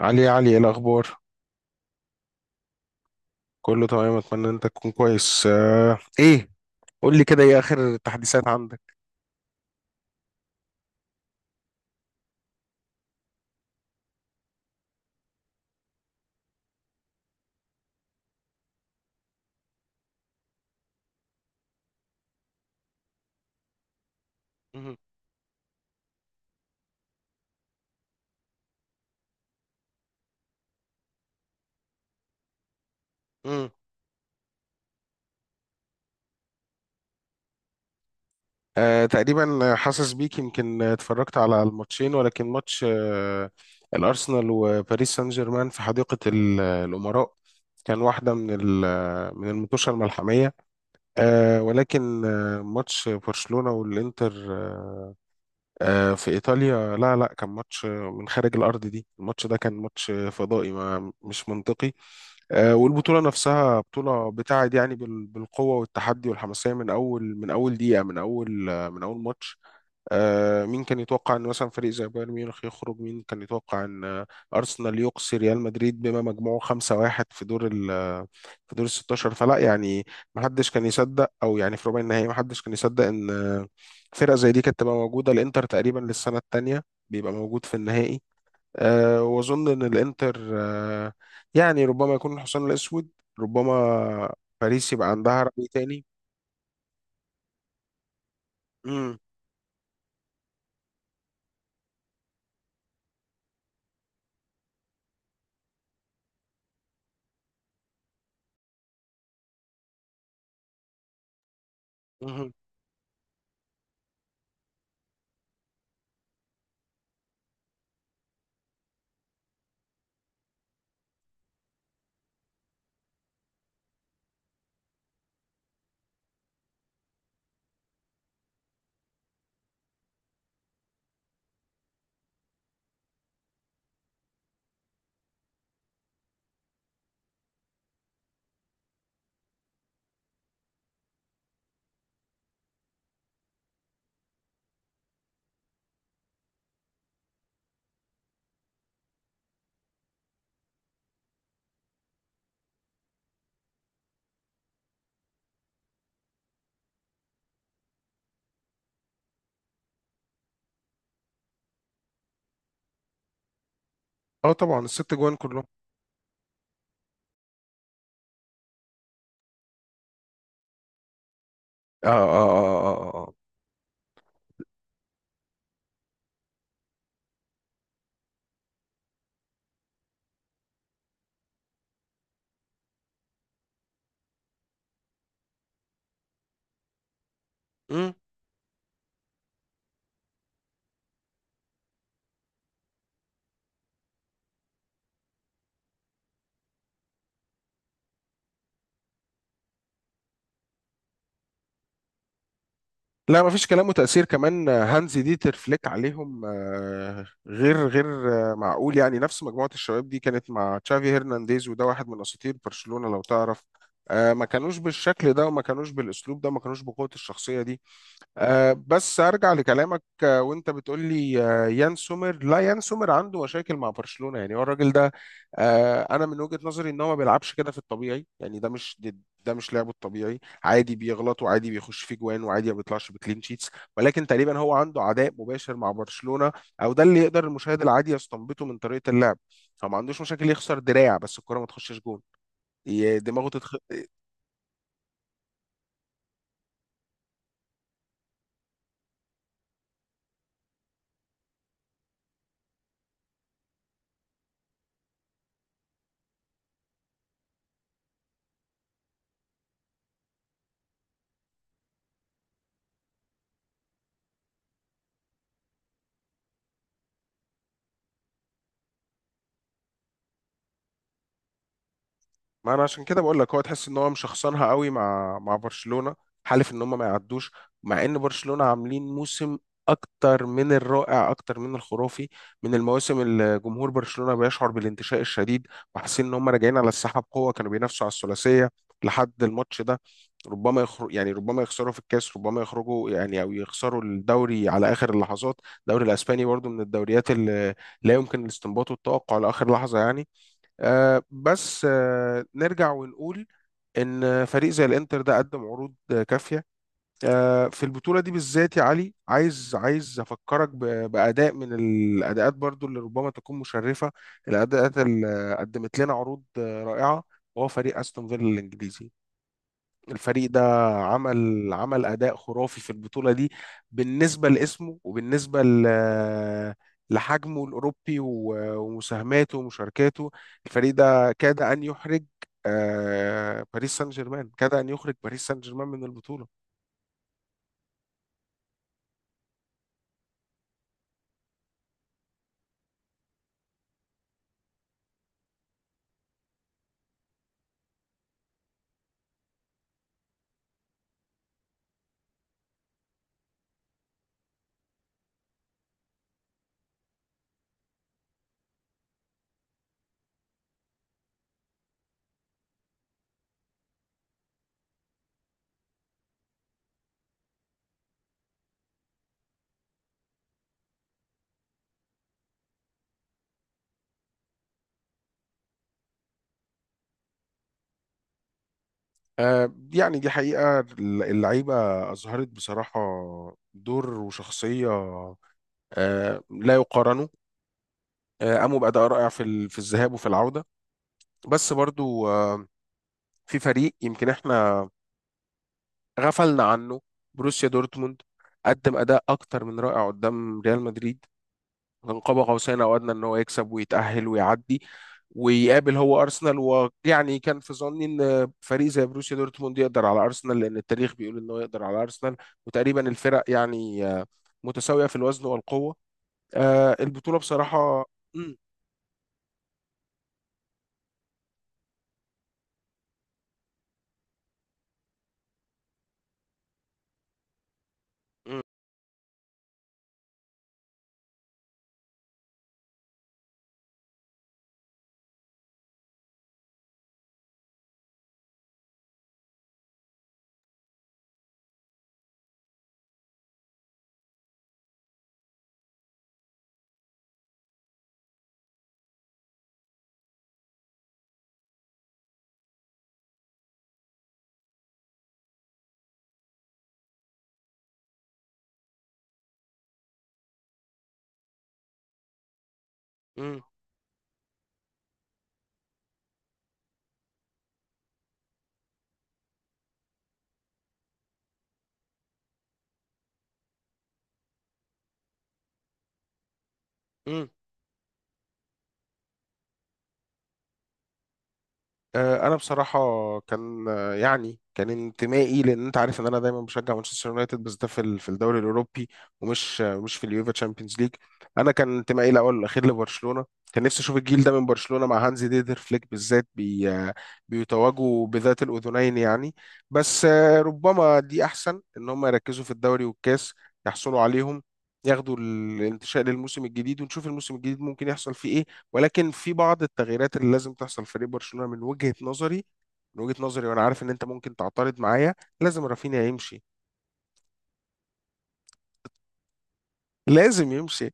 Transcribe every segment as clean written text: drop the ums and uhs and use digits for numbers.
علي، يا علي، ايه الاخبار؟ كله تمام، اتمنى انت تكون كويس. ايه، قول لي كده، ايه اخر التحديثات عندك؟ مهم. مم. تقريبا حاسس بيك، يمكن اتفرجت على الماتشين. ولكن ماتش الارسنال وباريس سان جيرمان في حديقة الامراء كان واحدة من من المطوشة الملحمية. ولكن ماتش برشلونة والانتر، في ايطاليا، لا لا، كان ماتش من خارج الارض دي. الماتش ده كان ماتش فضائي، ما مش منطقي. والبطوله نفسها بطوله بتاعت، يعني بالقوه والتحدي والحماسيه، من اول دقيقه، من اول من اول ماتش. مين كان يتوقع ان مثلا فريق زي بايرن ميونخ يخرج؟ مين كان يتوقع ان ارسنال يقصي ريال مدريد بما مجموعه 5-1 في دور ال في دور ال 16؟ فلا يعني، ما حدش كان يصدق، او يعني في ربع النهائي ما حدش كان يصدق ان فرقه زي دي كانت تبقى موجوده. الانتر تقريبا للسنه الثانيه بيبقى موجود في النهائي. واظن ان الانتر يعني ربما يكون الحصان الاسود، ربما. باريس يبقى عندها رأي تاني. امم. اه، طبعا الست جوان كلهم. اه، اه، اه، اه، آه، آه. مم. لا، مفيش كلام. وتأثير كمان هانز ديتر فليك عليهم غير معقول. يعني نفس مجموعة الشباب دي كانت مع تشافي هرنانديز، وده واحد من أساطير برشلونة، لو تعرف ما كانوش بالشكل ده، وما كانوش بالأسلوب ده، ما كانوش بقوة الشخصية دي. بس ارجع لكلامك، وانت بتقول لي يان سومر، لا، يان سومر عنده مشاكل مع برشلونة. يعني هو الراجل ده، انا من وجهة نظري ان هو ما بيلعبش كده في الطبيعي. يعني ده مش لعبه الطبيعي. عادي بيغلط، وعادي بيخش في جوان، وعادي ما بيطلعش بكلين شيتس، ولكن تقريبا هو عنده عداء مباشر مع برشلونة. او ده اللي يقدر المشاهد العادي يستنبطه من طريقة اللعب. فما عندوش مشاكل يخسر دراع، بس الكرة ما تخشش جون. دماغه ما انا عشان كده بقول لك، هو تحس ان هو مشخصنها قوي مع برشلونة، حالف ان هم ما يعدوش، مع ان برشلونة عاملين موسم اكتر من الرائع، اكتر من الخرافي، من المواسم اللي جمهور برشلونة بيشعر بالانتشاء الشديد وحاسين ان هم راجعين على الساحة بقوة. كانوا بينافسوا على الثلاثية لحد الماتش ده. ربما يخرج، يعني ربما يخسروا في الكاس، ربما يخرجوا، يعني، او يخسروا الدوري على اخر اللحظات. الدوري الاسباني برضو من الدوريات اللي لا يمكن الاستنباط والتوقع لاخر لحظة يعني. بس نرجع ونقول ان فريق زي الانتر ده قدم عروض كافيه في البطوله دي بالذات. يا علي، عايز افكرك باداء من الاداءات، برضو اللي ربما تكون مشرفه، الاداءات اللي قدمت لنا عروض رائعه. وهو فريق استون فيلا الانجليزي. الفريق ده عمل أداء خرافي في البطولة دي، بالنسبة لاسمه، وبالنسبة لحجمه الأوروبي ومساهماته ومشاركاته. الفريق ده كاد أن يحرج باريس سان جيرمان، كاد أن يخرج باريس سان جيرمان من البطولة. يعني دي حقيقة اللعيبة أظهرت بصراحة دور وشخصية لا يقارنوا. قاموا بأداء رائع في في الذهاب وفي العودة. بس برضو في فريق يمكن احنا غفلنا عنه: بروسيا دورتموند. قدم اداء اكتر من رائع قدام ريال مدريد، كان قاب قوسين او ادنى ان هو يكسب ويتاهل ويعدي ويقابل هو ارسنال. ويعني كان في ظني ان فريق زي بروسيا دورتموند يقدر على ارسنال، لان التاريخ بيقول انه يقدر على ارسنال. وتقريبا الفرق، يعني، متساويه في الوزن والقوه. البطوله بصراحه. مم، مم، مم، مم. انا بصراحه كان، يعني كان انتمائي، لان انت عارف ان انا دايما بشجع مانشستر يونايتد، بس ده في في الدوري الاوروبي، ومش مش في اليوفا تشامبيونز ليج. انا كان انتمائي الاول والاخير لبرشلونه. كان نفسي اشوف الجيل ده من برشلونه مع هانزي ديدر فليك بالذات، بي آه، بيتواجوا بذات الاذنين يعني. بس ربما دي احسن، ان هم يركزوا في الدوري والكاس، يحصلوا عليهم، ياخدوا الانتشاء للموسم الجديد، ونشوف الموسم الجديد ممكن يحصل فيه إيه. ولكن في بعض التغييرات اللي لازم تحصل في فريق برشلونة، من وجهة نظري. من وجهة نظري، وانا عارف ان انت ممكن تعترض معايا، لازم رافينيا يمشي. لازم يمشي.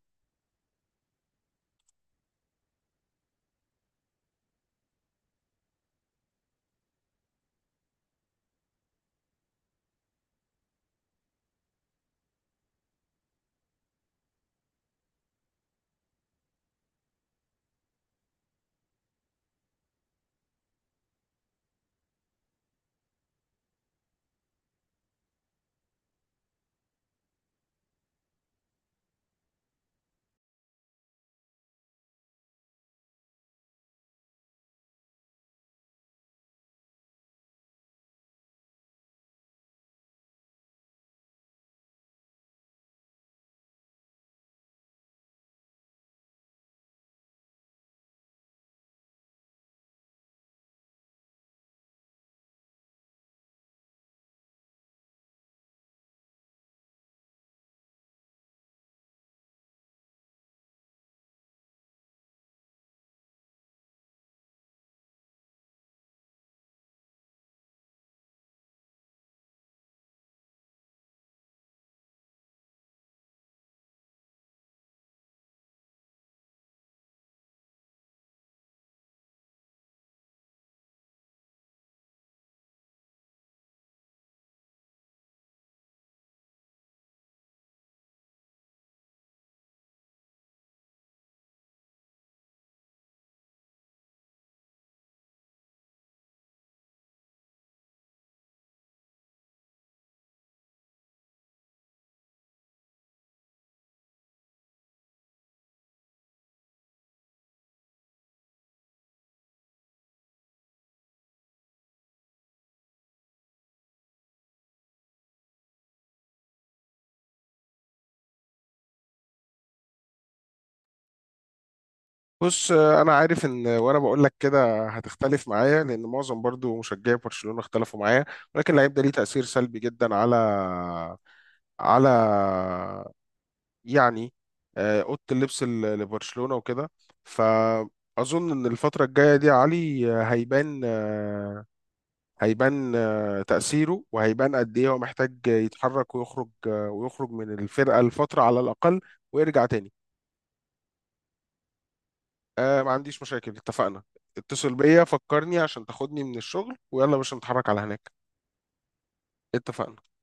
بص، انا عارف ان وانا بقول لك كده هتختلف معايا، لان معظم برضو مشجعي برشلونة اختلفوا معايا. ولكن اللعيب ده ليه تأثير سلبي جدا على على يعني، اوضه اللبس لبرشلونة وكده. فاظن ان الفترة الجاية دي يا علي آه، هيبان آه، هيبان آه، تأثيره، وهيبان قد إيه هو محتاج يتحرك ويخرج ويخرج من الفرقة لفترة على الأقل، ويرجع تاني. آه، ما عنديش مشاكل، اتفقنا. اتصل بيا، فكرني عشان تاخدني من الشغل، ويلا يا باشا نتحرك على هناك. اتفقنا.